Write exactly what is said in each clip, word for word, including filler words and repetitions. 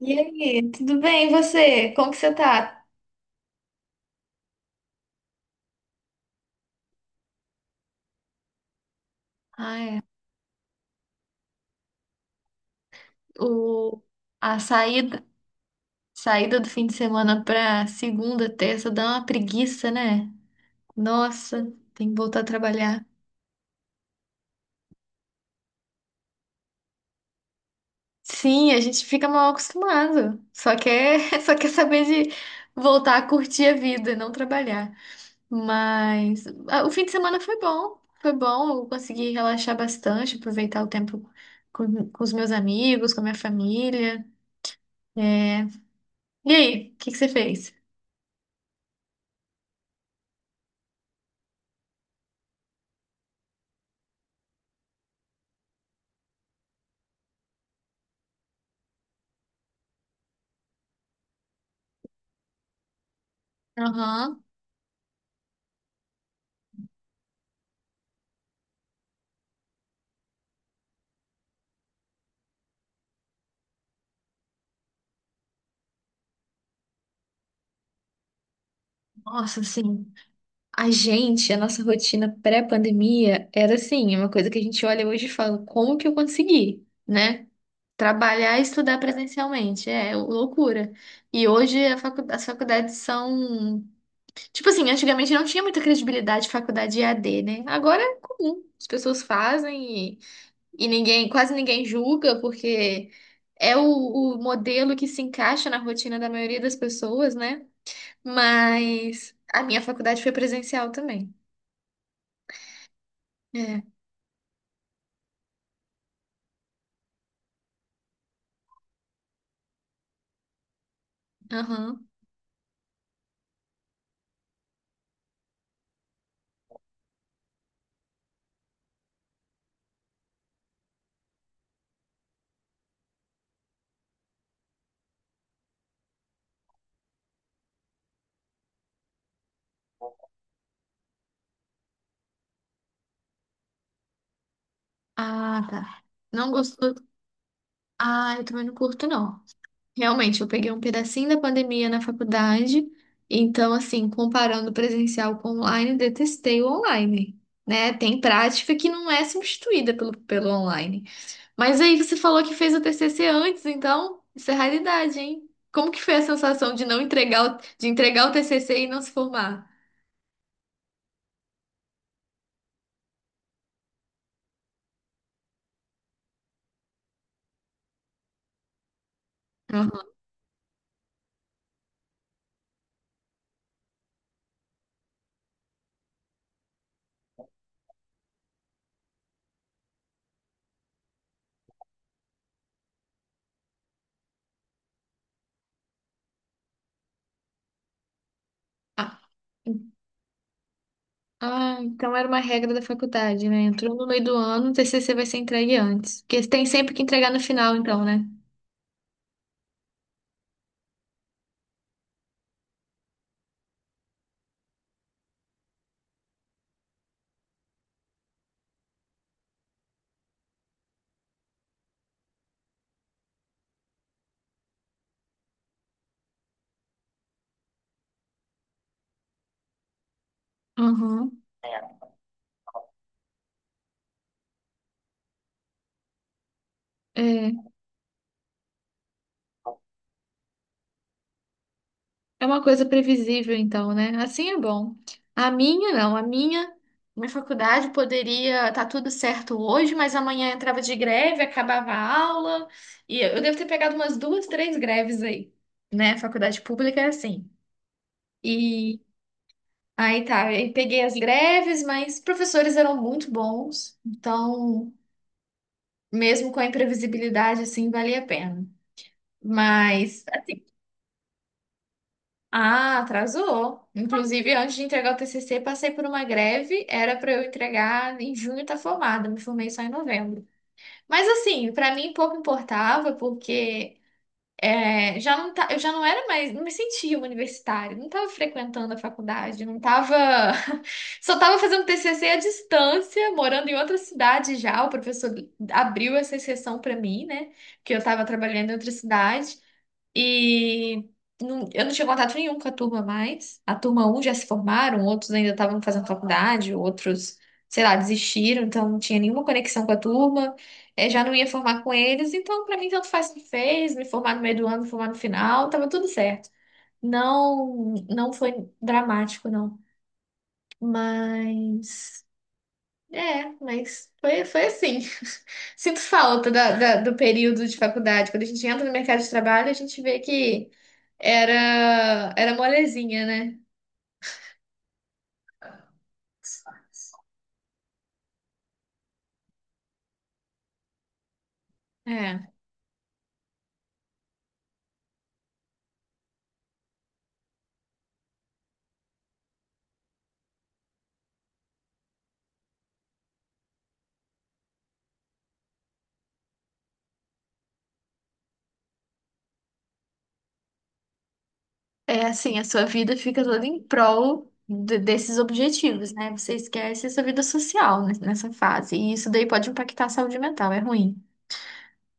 E aí, tudo bem? E você? Como que você tá? Ai, o, a saída, saída do fim de semana pra segunda, terça dá uma preguiça, né? Nossa, tem que voltar a trabalhar. Sim, a gente fica mal acostumado. Só quer, só quer saber de voltar a curtir a vida, e não trabalhar. Mas ah, o fim de semana foi bom, foi bom. Eu consegui relaxar bastante, aproveitar o tempo com, com os meus amigos, com a minha família. É, E aí, o que que você fez? Aham. Nossa, assim, a gente, a nossa rotina pré-pandemia era assim, uma coisa que a gente olha hoje e fala, como que eu consegui, né? Trabalhar e estudar presencialmente, é loucura. E hoje a facu- as faculdades são, tipo assim, antigamente não tinha muita credibilidade de faculdade E A D, né? Agora é comum, as pessoas fazem e, e ninguém, quase ninguém julga, porque é o o modelo que se encaixa na rotina da maioria das pessoas, né? Mas a minha faculdade foi presencial também. É, aham. Ah, tá. Não gostou? Ah, eu também não curto, não. Realmente, eu peguei um pedacinho da pandemia na faculdade. Então, assim, comparando o presencial com o online, detestei o online. Né? Tem prática que não é substituída pelo, pelo online. Mas aí você falou que fez o T C C antes, então isso é raridade, hein? Como que foi a sensação de não entregar, o- de entregar o T C C e não se formar? Aham. Ah, Ah, então era uma regra da faculdade, né? Entrou no meio do ano, o T C C vai ser entregue antes. Porque tem sempre que entregar no final, então, né? Uhum. É, é uma coisa previsível, então, né? Assim é bom. A minha, não. A minha, minha faculdade poderia estar tudo certo hoje, mas amanhã entrava de greve, acabava a aula. E eu devo ter pegado umas duas, três greves aí, né? Faculdade pública é assim. E aí tá, eu peguei as greves, mas os professores eram muito bons. Então, mesmo com a imprevisibilidade, assim, valia a pena. Mas, assim, ah, atrasou. Inclusive, antes de entregar o T C C, passei por uma greve. Era para eu entregar em junho, tá formada. Me formei só em novembro. Mas, assim, para mim pouco importava, porque é, já não tá, eu já não era mais, não me sentia uma universitária, não estava frequentando a faculdade, não estava, só estava fazendo T C C à distância, morando em outra cidade já. O professor abriu essa exceção para mim, né? Que eu estava trabalhando em outra cidade. E não- eu não tinha contato nenhum com a turma mais. A turma um já se formaram, outros ainda estavam fazendo faculdade, outros, sei lá, desistiram, então não tinha nenhuma conexão com a turma. Eh, já não ia formar com eles, então pra mim tanto faz o que fez, me formar no meio do ano, me formar no final, tava tudo certo. Não, não foi dramático, não. Mas. É, mas foi, foi assim. Sinto falta da, da- do período de faculdade. Quando a gente entra no mercado de trabalho, a gente vê que era, era molezinha, né? É, é assim, a sua vida fica toda em prol de- desses objetivos, né? Você esquece a sua vida social ne- nessa fase. E isso daí pode impactar a saúde mental, é ruim.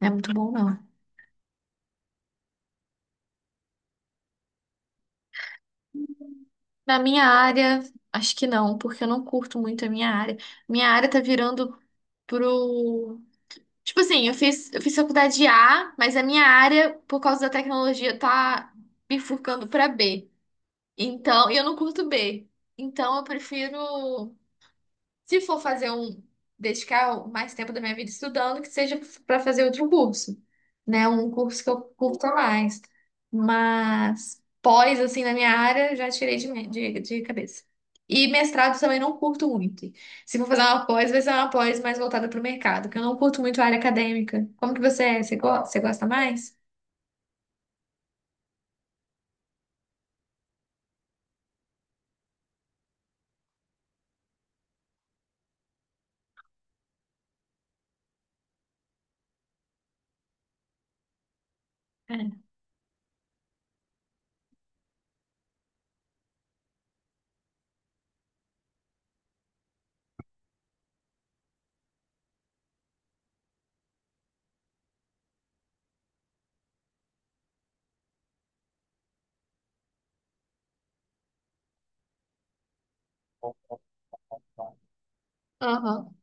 Não é muito bom, não. Na minha área, acho que não, porque eu não curto muito a minha área. Minha área tá virando pro. Tipo assim, eu fiz, eu fiz faculdade de A, mas a minha área, por causa da tecnologia, tá bifurcando pra B. Então, e eu não curto B. Então, eu prefiro, se for fazer um, dedicar mais tempo da minha vida estudando, que seja para fazer outro curso, né? Um curso que eu curto mais. Mas pós, assim, na minha área, já tirei de, me- de, de cabeça. E mestrado também não curto muito. Se for fazer uma pós, vai ser uma pós mais voltada para o mercado, que eu não curto muito a área acadêmica. Como que você é? Você gosta, você gosta mais? É. Aham.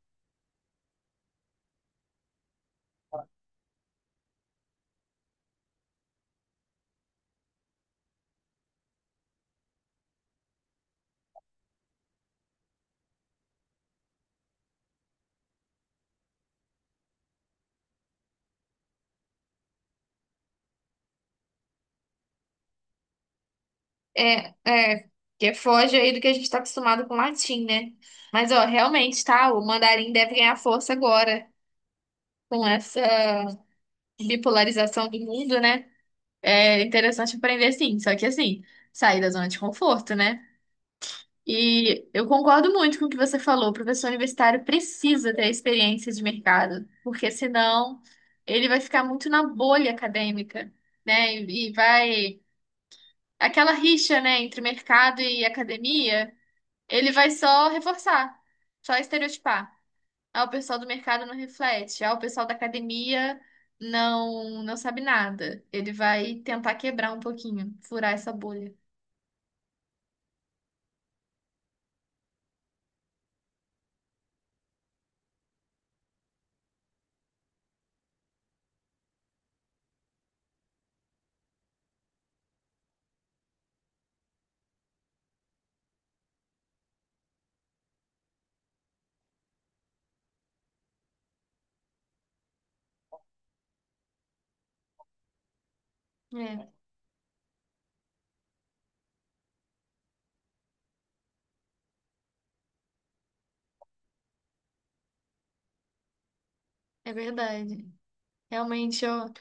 É, é, que foge aí do que a gente tá acostumado com o latim, né? Mas, ó, realmente, tá? O mandarim deve ganhar força agora com essa bipolarização do mundo, né? É interessante aprender, sim. Só que, assim, sair da zona de conforto, né? E eu concordo muito com o que você falou. O professor universitário precisa ter experiência de mercado, porque senão ele vai ficar muito na bolha acadêmica, né? E, e vai... Aquela rixa, né, entre mercado e academia, ele vai só reforçar, só estereotipar. Ah, o pessoal do mercado não reflete. Ah, o pessoal da academia não não sabe nada. Ele vai tentar quebrar um pouquinho, furar essa bolha. É, é verdade. Realmente, eu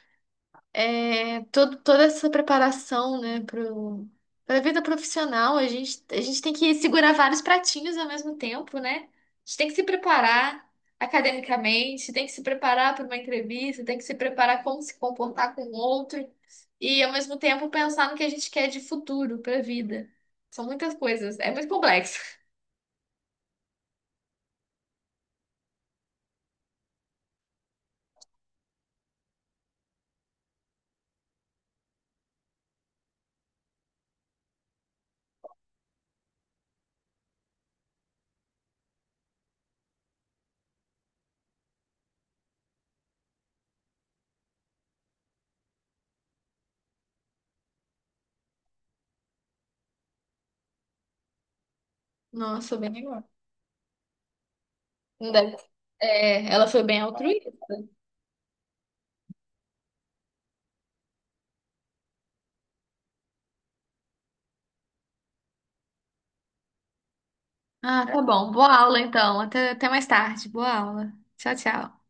é, todo, toda essa preparação, né, pro, pra vida profissional, a gente, a gente tem que segurar vários pratinhos ao mesmo tempo, né? A gente tem que se preparar academicamente, tem que se preparar para uma entrevista, tem que se preparar como se comportar com o outro e, ao mesmo tempo, pensar no que a gente quer de futuro para a vida. São muitas coisas, é muito complexo. Nossa, bem legal. Ainda- é, ela foi bem altruísta. Ah, tá bom. Boa aula, então. Até, até mais tarde. Boa aula. Tchau, tchau.